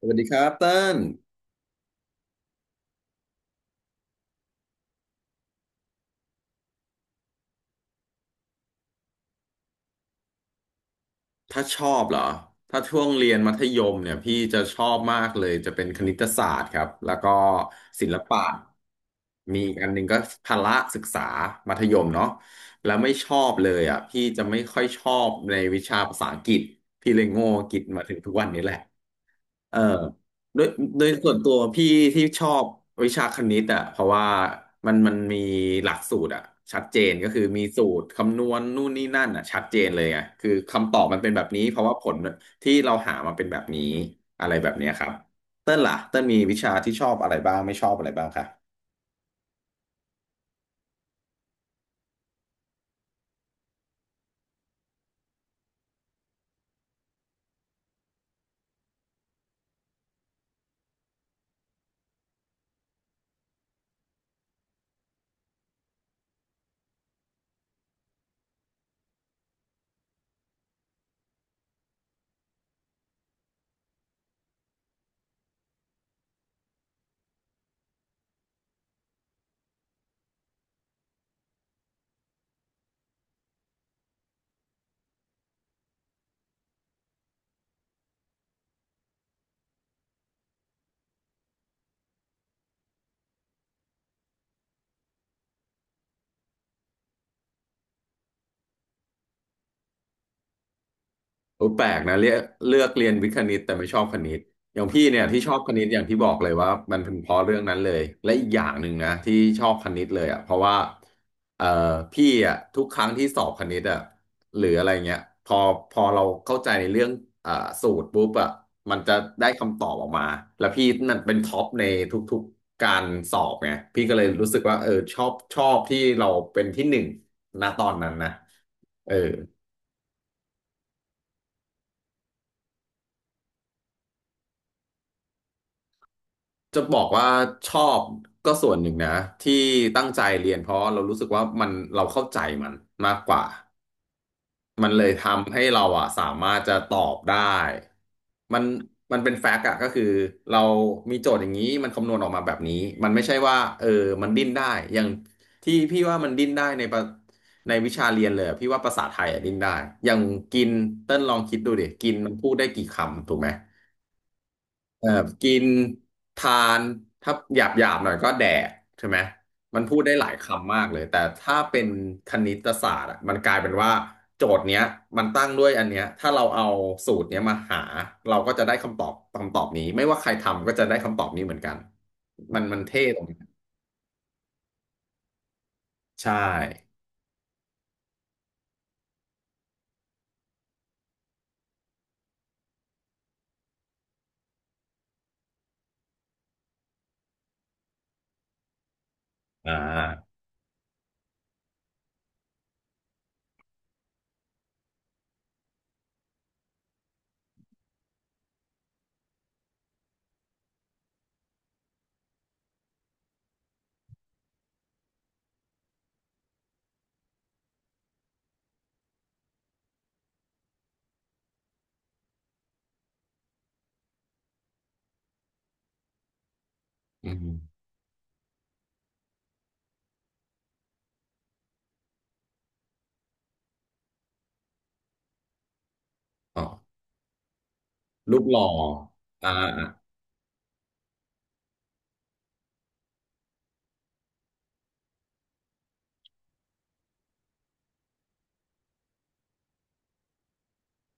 สวัสดีครับเติ้ลถ้าชอบเหรอ ถ้าช่วงเรียนมัธยมเนี่ยพี่จะชอบมากเลยจะเป็นคณิตศาสตร์ครับ แล้วก็ศิลปะมีอีกอันหนึ่งก็พละศึกษา มัธยมเนาะแล้วไม่ชอบเลยอ่ะ พี่จะไม่ค่อยชอบในวิชาภาษาอังกฤษพี่เลยโง่อังกฤษมาถึงทุกวันนี้แหละ เออโดยโดยส่วนตัวพี่ที่ชอบวิชาคณิตอ่ะเพราะว่ามันมีหลักสูตรอ่ะชัดเจนก็คือมีสูตรคำนวณนู่นนี่นั่นอ่ะชัดเจนเลยอ่ะคือคำตอบมันเป็นแบบนี้เพราะว่าผลที่เราหามาเป็นแบบนี้อะไรแบบเนี้ยครับเต้นล่ะเต้นมีวิชาที่ชอบอะไรบ้างไม่ชอบอะไรบ้างคะ โอ้แปลกนะเลือกเรียนวิทย์คณิตแต่ไม่ชอบคณิตอย่างพี่เนี่ยที่ชอบคณิตอย่างที่บอกเลยว่ามันเป็นเพราะเรื่องนั้นเลยและอีกอย่างหนึ่งนะที่ชอบคณิตเลยอ่ะเพราะว่าเอ่อพี่อ่ะทุกครั้งที่สอบคณิตอ่ะหรืออะไรเงี้ยพอเราเข้าใจในเรื่องอ่าสูตรปุ๊บอ่ะมันจะได้คำตอบออกมาแล้วพี่นั่นเป็นท็อปในทุกๆการสอบไงพี่ก็เลยรู้สึกว่าเออชอบที่เราเป็นที่หนึ่งณตอนนั้นนะเออ จะบอกว่าชอบก็ส่วนหนึ่งนะที่ตั้งใจเรียนเพราะเรารู้สึกว่ามันเราเข้าใจมันมากกว่ามันเลยทำให้เราอะสามารถจะตอบได้มันมันเป็นแฟกต์อะก็คือเรามีโจทย์อย่างนี้มันคำนวณออกมาแบบนี้มันไม่ใช่ว่าเออมันดิ้นได้อย่างที่พี่ว่ามันดิ้นได้ในประในวิชาเรียนเลยอะพี่ว่าภาษาไทยอะดิ้นได้อย่างกินเต้นลองคิดดูดิกินมันพูดได้กี่คำถูกไหม เออกินทานถ้าหยาบหน่อยก็แดกใช่ไหมมันพูดได้หลายคำมากเลยแต่ถ้าเป็นคณิตศาสตร์อะมันกลายเป็นว่าโจทย์เนี้ยมันตั้งด้วยอันเนี้ยถ้าเราเอาสูตรเนี้ยมาหาเราก็จะได้คำตอบคำตอบนี้ไม่ว่าใครทำก็จะได้คำตอบนี้เหมือนกันมันเท่ตรงนี้ใช่อ่าอืมอ๋อรูปหล่ออ่า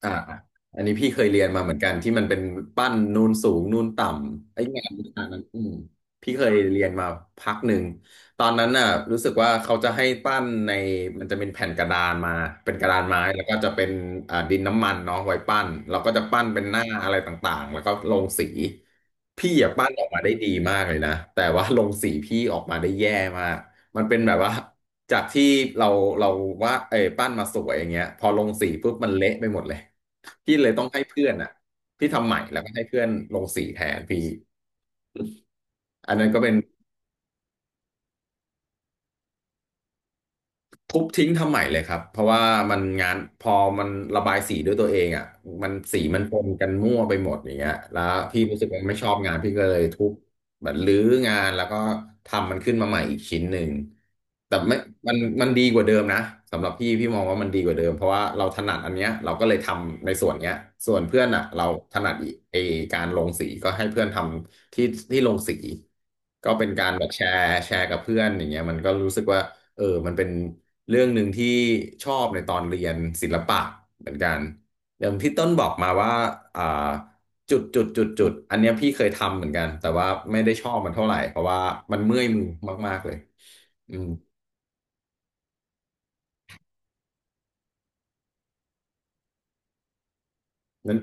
อ่าอันนี้พี่เคยเรียนมาเหมือนกันที่มันเป็นปั้นนูนสูงนูนต่ำไอ้งานวิชานั้นอืมพี่เคยเรียนมาพักหนึ่งตอนนั้นน่ะรู้สึกว่าเขาจะให้ปั้นในมันจะเป็นแผ่นกระดานมาเป็นกระดานไม้แล้วก็จะเป็นอ่าดินน้ำมันเนาะไว้ปั้นเราก็จะปั้นเป็นหน้าอะไรต่างๆแล้วก็ลงสีพี่อ่ะปั้นออกมาได้ดีมากเลยนะแต่ว่าลงสีพี่ออกมาได้แย่มากมันเป็นแบบว่าจากที่เราเราว่าดเออปั้นมาสวยอย่างเงี้ยพอลงสีปุ๊บมันเละไปหมดเลย พี่เลยต้องให้เพื่อนอ่ะพี่ทำใหม่แล้วก็ให้เพื่อนลงสีแทนพี่อันนั้นก็เป็น ทุบทิ้งทำใหม่เลยครับเพราะว่ามันงานพอมันระบายสีด้วยตัวเองอ่ะมันสีมันปนกันมั่วไปหมดอย่างเงี้ยแล้วพี่รู้สึกว่าไม่ชอบงานพี่ก็เลยทุบแบบรื้องานแล้วก็ทำมันขึ้นมาใหม่อีกชิ้นหนึ่งแต่ไม่มันดีกว่าเดิมนะสำหรับพี่พี่มองว่ามันดีกว่าเดิมเพราะว่าเราถนัดอันเนี้ยเราก็เลยทำในส่วนเนี้ยส่วนเพื่อนอ่ะเราถนัดอีไอการลงสีก็ให้เพื่อนทำที่ลงสีก็เป็นการแบบแชร์กับเพื่อนอย่างเงี้ยมันก็รู้สึกว่า เออมันเป็นเรื่องหนึ่งที่ชอบในตอนเรียนศิลปะเหมือนกันอย่างที่ต้นบอกมาว่าอ่าจุดจุดจุดจุดอันเนี้ยพี่เคยทำเหมือนกันแต่ว่าไม่ได้ชอบมันเท่าไหร่เพราะว่ามันเมื่อยมือมากๆเลยอืมนั้น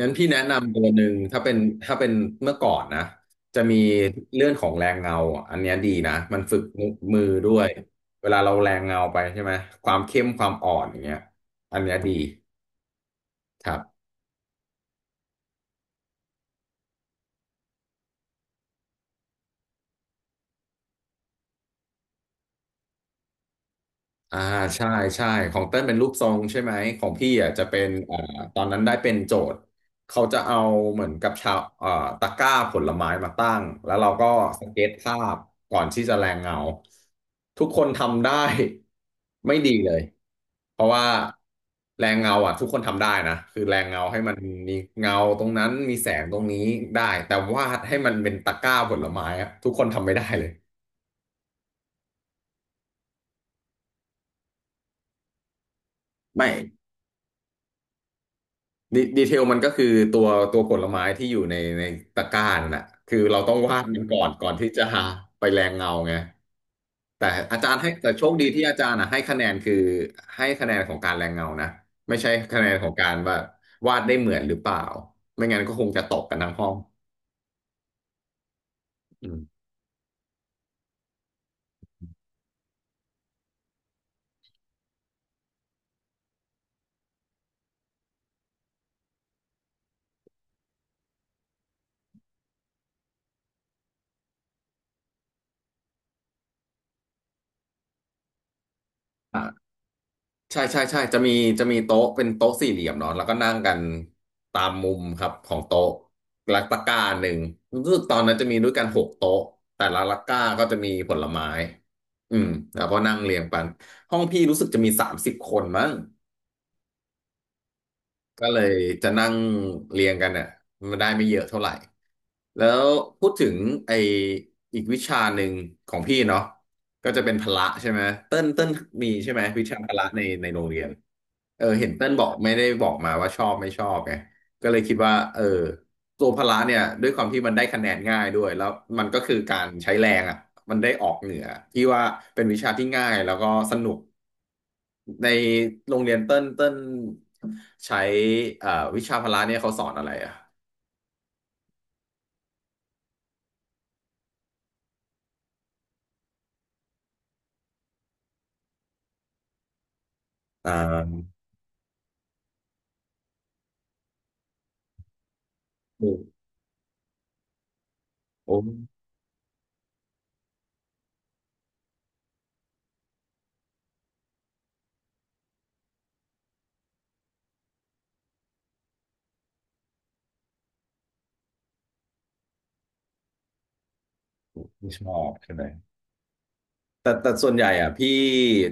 นั้นพี่แนะนำตัวหนึ่งถ้าเป็นเมื่อก่อนนะจะมีเรื่องของแรงเงาอ่ะอันเนี้ยดีนะมันฝึกมือด้วยเวลาเราแรงเงาไปใช่ไหมความเข้มความอ่อนอย่างเงี้ยอันเนี้ยดีครับ อ่าใช่ใช่ของเต้นเป็นรูปทรงใช่ไหมของพี่อ่ะจะเป็นอ่าตอนนั้นได้เป็นโจทย์เขาจะเอาเหมือนกับชาวอ่าตะกร้าผลไม้มาตั้งแล้วเราก็สเก็ตภาพก่อนที่จะแรงเงาทุกคนทำได้ ไม่ดีเลยเพราะว่าแรงเงาอ่ะทุกคนทำได้นะคือแรงเงาให้มันมีเงาตรงนั้นมีแสงตรงนี้ได้แต่วาดให้มันเป็นตะกร้าผลไม้อ่ะทุกคนทำไม่ได้เลยไม่ ดีเทลมันก็คือตัวตัวผลไม้ที่อยู่ในตะกร้านั่นแหะคือเราต้องวาดมันก่อนที่จะหาไปแรงเงาไงแต่อาจารย์ให้แต่โชคดีที่อาจารย์อ่ะให้คะแนนคือให้คะแนนของการแรงเงานะไม่ใช่คะแนนของการว่าวาดได้เหมือนหรือเปล่าไม่งั้นก็คงจะตกกันทั้งห้องอืม ใช่ใช่ใช่จะมีจะมีโต๊ะเป็นโต๊ะสี่เหลี่ยมเนาะแล้วก็นั่งกันตามมุมครับของโต๊ะและตะกร้าหนึ่งรู้สึกตอนนั้นจะมีด้วยกัน6 โต๊ะแต่ละตะกร้าก็จะมีผลไม้อืมแล้วก็นั่งเรียงกันห้องพี่รู้สึกจะมี30 คนมั้ง ก็เลยจะนั่งเรียงกันอ่ะมันได้ไม่เยอะเท่าไหร่แล้วพูดถึงไออีกวิชาหนึ่งของพี่เนาะก็จะเป็นพละใช่ไหมเต้นเต้นมีใช่ไหมวิชาพละในโรงเรียนเออเห็นเต้นบอกไม่ได้บอกมาว่าชอบไม่ชอบไงก็เลยคิดว่าเออ ตัวพละเนี่ยด้วยความที่มันได้คะแนนง่ายด้วยแล้วมันก็คือการใช้แรงอ่ะมันได้ออกเหนือที่ว่าเป็นวิชาที่ง่ายแล้วก็สนุกในโรงเรียนเต้นเต้นใช้เอ่อวิชาพละเนี่ยเขาสอนอะไรอ่ะอ่าโอ้โอ้ไม่ชอบใช่ไหม แต่ส่วนใหญ่อ่ะพี่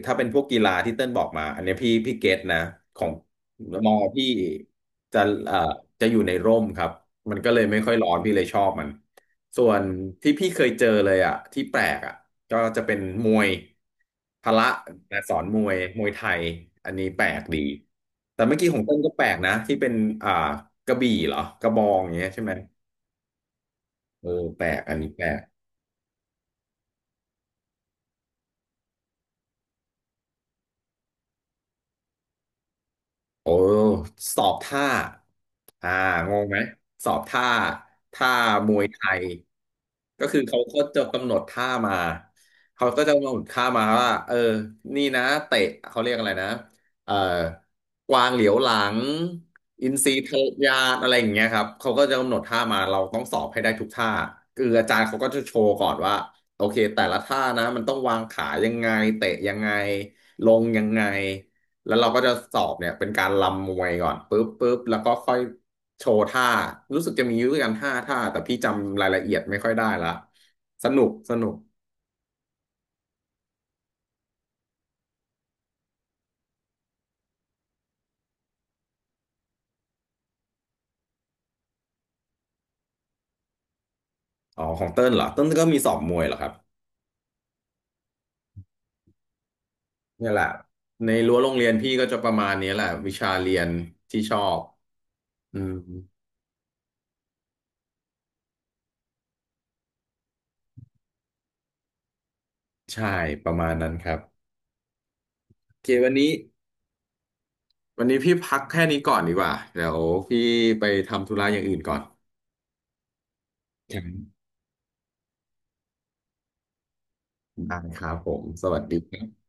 ถ้าเป็นพวกกีฬาที่เติ้ลบอกมาอันเนี้ยพี่เก็ตนะของมอพี่จะเอ่อจะอยู่ในร่มครับมันก็เลยไม่ค่อยร้อนพี่เลยชอบมันส่วนที่พี่เคยเจอเลยอ่ะที่แปลกอ่ะก็จะเป็นมวยพละแต่สอนมวยไทยอันนี้แปลกดีแต่เมื่อกี้ของเติ้ลก็แปลกนะที่เป็นอ่ากระบี่เหรอกระบองอย่างเงี้ยใช่ไหมเออแปลกอันนี้แปลก โอ้สอบท่าอ่างงไหมสอบท่าท่ามวยไทยก็คือเขาก็จะกำหนดท่ามาเขาก็จะกำหนดท่ามาว่าเออนี่นะเตะเขาเรียกอะไรนะเอ่อกวางเหลียวหลังอินทรีทะยานอะไรอย่างเงี้ยครับเขาก็จะกำหนดท่ามาเราต้องสอบให้ได้ทุกท่าคืออาจารย์เขาก็จะโชว์ก่อนว่าโอเคแต่ละท่านะมันต้องวางขายังไงเตะยังไงลงยังไง แล้วเราก็จะสอบเนี่ยเป็นการรำมวยก่อนปุ๊บปุ๊บแล้วก็ค่อยโชว์ท่ารู้สึกจะมีอยู่ด้วยกัน5 ท่าแต่พี่จำรายละเอียดไม่ค่อยได้ละสนุกสนุกอ๋อของเติ้ลเหรอเติ้ลก็มีสอบมวยเหรอครับเนี่ยแหละในรั้วโรงเรียนพี่ก็จะประมาณนี้แหละวิชาเรียนที่ชอบอืมใช่ประมาณนั้นครับโอเควันนี้วันนี้พี่พักแค่นี้ก่อนดีกว่าเดี๋ยวพี่ไปทำธุระอย่างอื่นก่อนครับได้ครับผมสวัสดีครับ